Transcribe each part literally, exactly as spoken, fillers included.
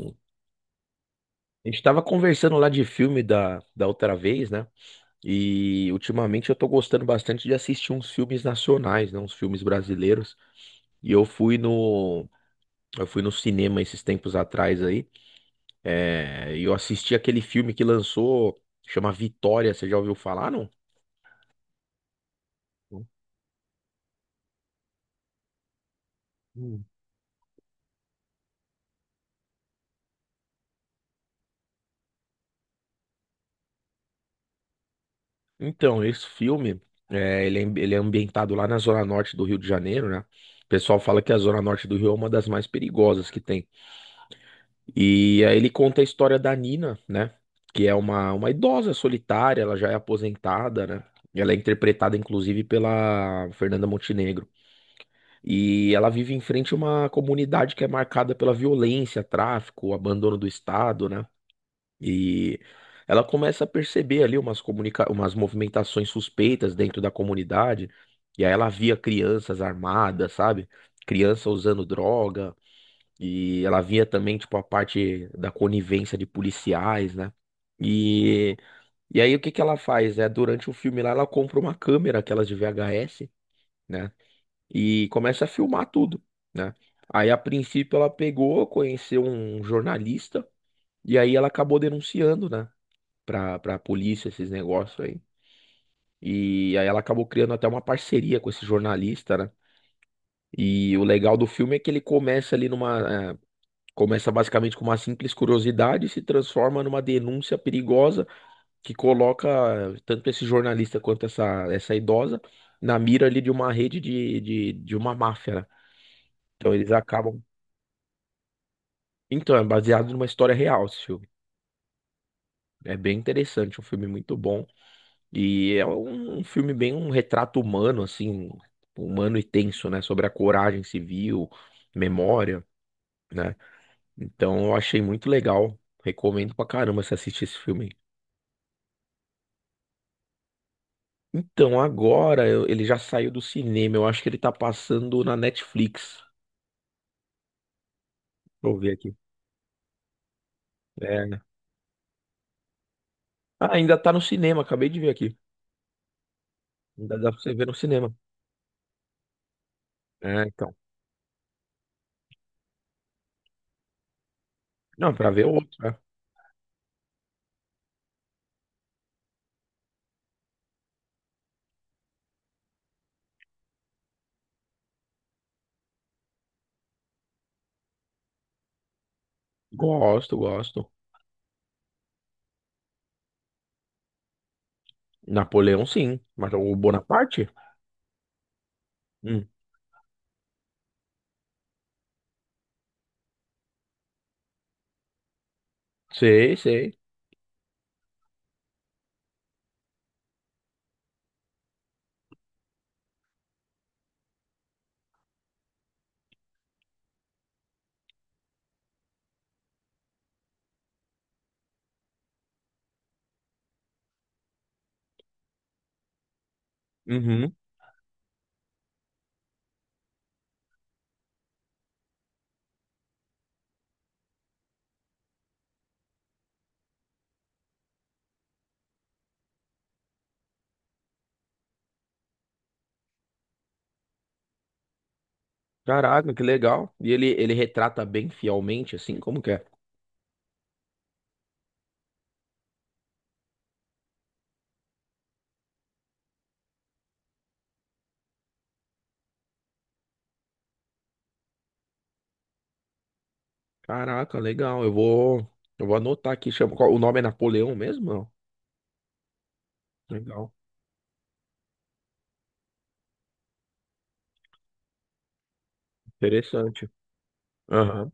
A gente tava conversando lá de filme da, da outra vez, né? E ultimamente eu tô gostando bastante de assistir uns filmes nacionais, né? Uns filmes brasileiros. E eu fui no, eu fui no cinema esses tempos atrás aí. É, e eu assisti aquele filme que lançou, chama Vitória. Você já ouviu falar, não? Hum. Então, esse filme, é, ele, é, ele é ambientado lá na Zona Norte do Rio de Janeiro, né? O pessoal fala que a Zona Norte do Rio é uma das mais perigosas que tem. E aí ele conta a história da Nina, né? Que é uma, uma idosa solitária, ela já é aposentada, né? Ela é interpretada, inclusive, pela Fernanda Montenegro. E ela vive em frente a uma comunidade que é marcada pela violência, tráfico, abandono do Estado, né? E Ela começa a perceber ali umas, comunica umas movimentações suspeitas dentro da comunidade. E aí ela via crianças armadas, sabe? Criança usando droga. E ela via também, tipo, a parte da conivência de policiais, né? E, e aí o que que ela faz? É, durante o filme lá, ela compra uma câmera, aquelas de V H S, né? E começa a filmar tudo, né? Aí, a princípio, ela pegou, conheceu um jornalista, e aí ela acabou denunciando, né? Pra, pra polícia esses negócios aí. E aí ela acabou criando até uma parceria com esse jornalista, né? E o legal do filme é que ele começa ali numa. É, Começa basicamente com uma simples curiosidade e se transforma numa denúncia perigosa que coloca eh, tanto esse jornalista quanto essa, essa idosa na mira ali de uma rede de, de, de uma máfia, né? Então eles acabam. Então, é baseado numa história real esse filme. É bem interessante, um filme muito bom. E é um, um filme bem um retrato humano, assim, um, um humano e tenso, né? Sobre a coragem civil, memória, né? Então eu achei muito legal. Recomendo pra caramba você assistir esse filme. Então, agora eu- ele já saiu do cinema. Eu acho que ele tá passando na Netflix. Deixa eu ver aqui. É. Ah, ainda tá no cinema, acabei de ver aqui. Ainda dá pra você ver no cinema. É, então. Não, pra ver outro, né? Gosto, gosto. Napoleão, sim. Mas o Bonaparte? Hum, sei, sei. Uhum. Caraca, que legal. E ele, ele retrata bem fielmente, assim, como que é? Caraca, legal. Eu vou, eu vou anotar aqui. Chama, qual- o nome é Napoleão mesmo? Não. Legal. Interessante. Aham.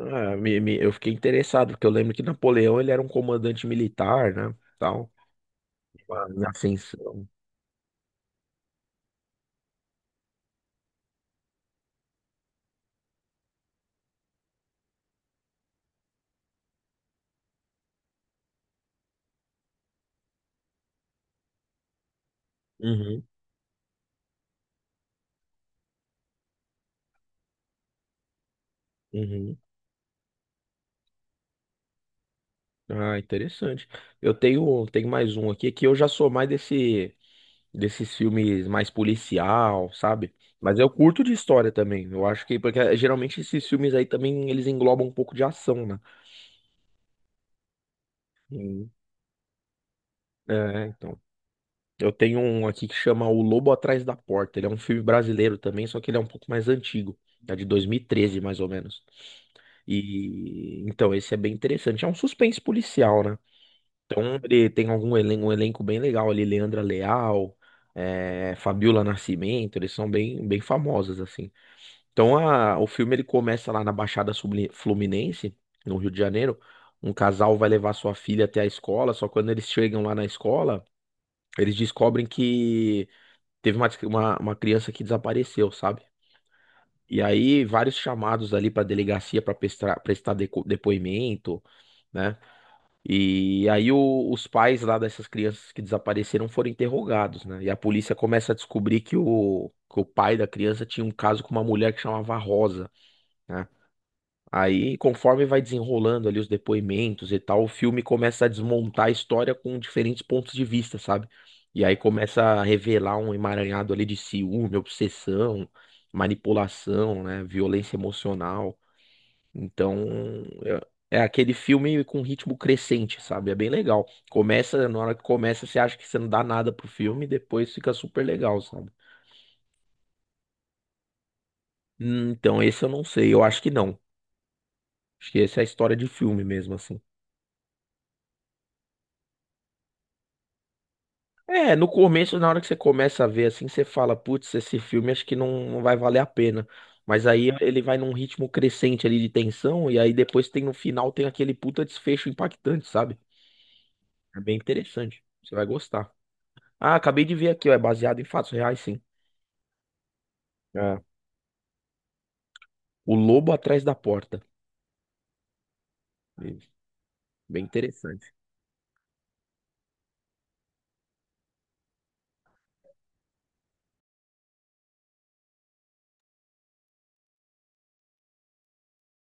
Ah, me- me- eu fiquei interessado, porque eu lembro que Napoleão ele era um comandante militar, né? Tal, uma- na ascensão. Uhum, uhum. Ah, interessante. Eu tenho, tenho mais um aqui que eu já sou mais desse, desses filmes mais policial, sabe? Mas eu curto de história também. Eu acho que, porque geralmente esses filmes aí também eles englobam um pouco de ação, né? Uhum. É, então. Eu tenho um aqui que chama O Lobo Atrás da Porta. Ele é um filme brasileiro também, só que ele é um pouco mais antigo. É de dois mil e treze mais ou menos. E então esse é bem interessante. É um suspense policial, né? Então ele tem algum elenco, um elenco bem legal ali, Leandra Leal, eh, Fabiola Nascimento, eles são bem, bem famosos assim. Então a- o filme ele começa lá na Baixada Subli- Fluminense, no Rio de Janeiro. Um casal vai levar sua filha até a escola, só quando eles chegam lá na escola, eles descobrem que teve uma, uma, uma criança que desapareceu, sabe? E aí, vários chamados ali para delegacia para prestar, prestar deco- depoimento, né? E aí, o- os pais lá dessas crianças que desapareceram foram interrogados, né? E a polícia começa a descobrir que o, que o pai da criança tinha um caso com uma mulher que chamava Rosa, né? Aí, conforme vai desenrolando ali os depoimentos e tal, o filme começa a desmontar a história com diferentes pontos de vista, sabe? E aí começa a revelar um emaranhado ali de ciúme, obsessão, manipulação, né? Violência emocional. Então, é, é aquele filme com ritmo crescente, sabe? É bem legal. Começa, na hora que começa, você acha que você não dá nada pro filme, depois fica super legal, sabe? Hum, Então, esse eu não sei, eu acho que não. Acho que essa é a história de filme mesmo, assim. É, no começo, na hora que você começa a ver assim, você fala, putz, esse filme acho que não, não vai valer a pena. Mas aí ele vai num ritmo crescente ali de tensão, e aí depois tem no final tem aquele puta desfecho impactante, sabe? É bem interessante. Você vai gostar. Ah, acabei de ver aqui, ó, é baseado em fatos reais, sim. É. O Lobo Atrás da Porta. Bem interessante.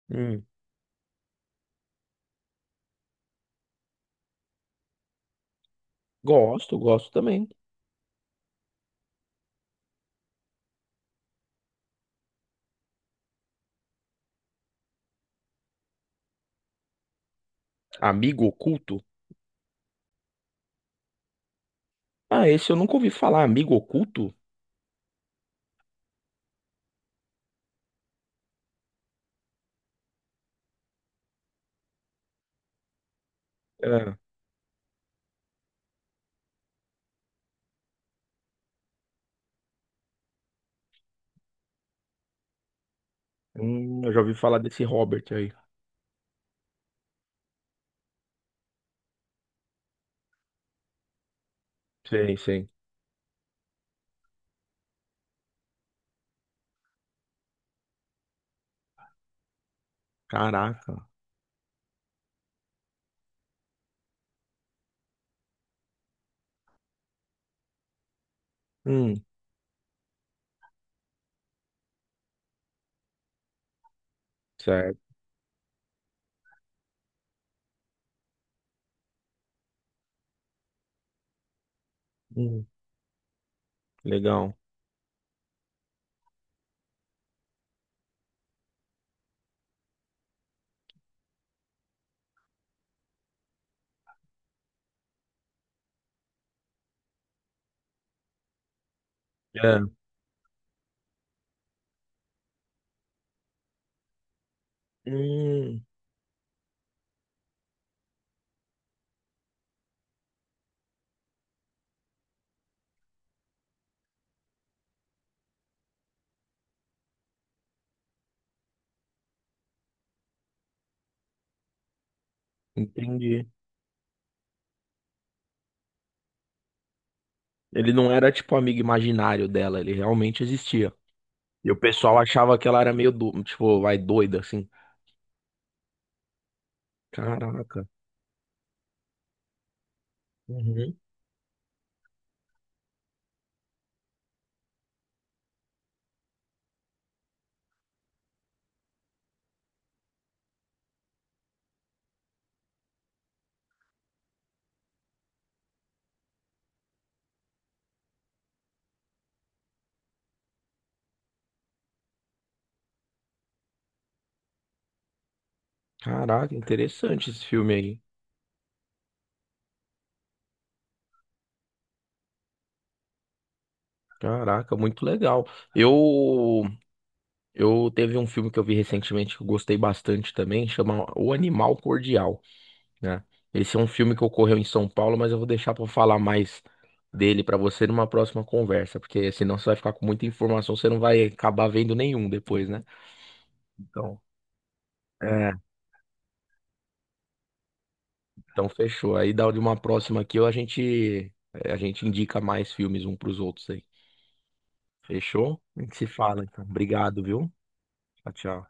Hum, gosto, gosto também. Amigo Oculto? Ah, esse eu nunca ouvi falar. Amigo Oculto? É. Hum, eu já ouvi falar desse Robert aí. Sei, sei. Caraca. Hum, certo. Hum, legal. É. Hum, entendi. Ele não era tipo amigo imaginário dela, ele realmente existia. E o pessoal achava que ela era meio do, tipo, vai doida assim. Caraca. Uhum. Caraca, interessante esse filme aí. Caraca, muito legal. Eu eu teve um filme que eu vi recentemente que eu gostei bastante também, chama O Animal Cordial. Né? Esse é um filme que ocorreu em São Paulo, mas eu vou deixar pra falar mais dele pra você numa próxima conversa, porque senão você vai ficar com muita informação, você não vai acabar vendo nenhum depois, né? Então, é, Então fechou. Aí dá de uma próxima aqui, a gente é, a gente indica mais filmes um pros outros aí. Fechou? A gente se fala, então. Obrigado, viu? Tchau, tchau.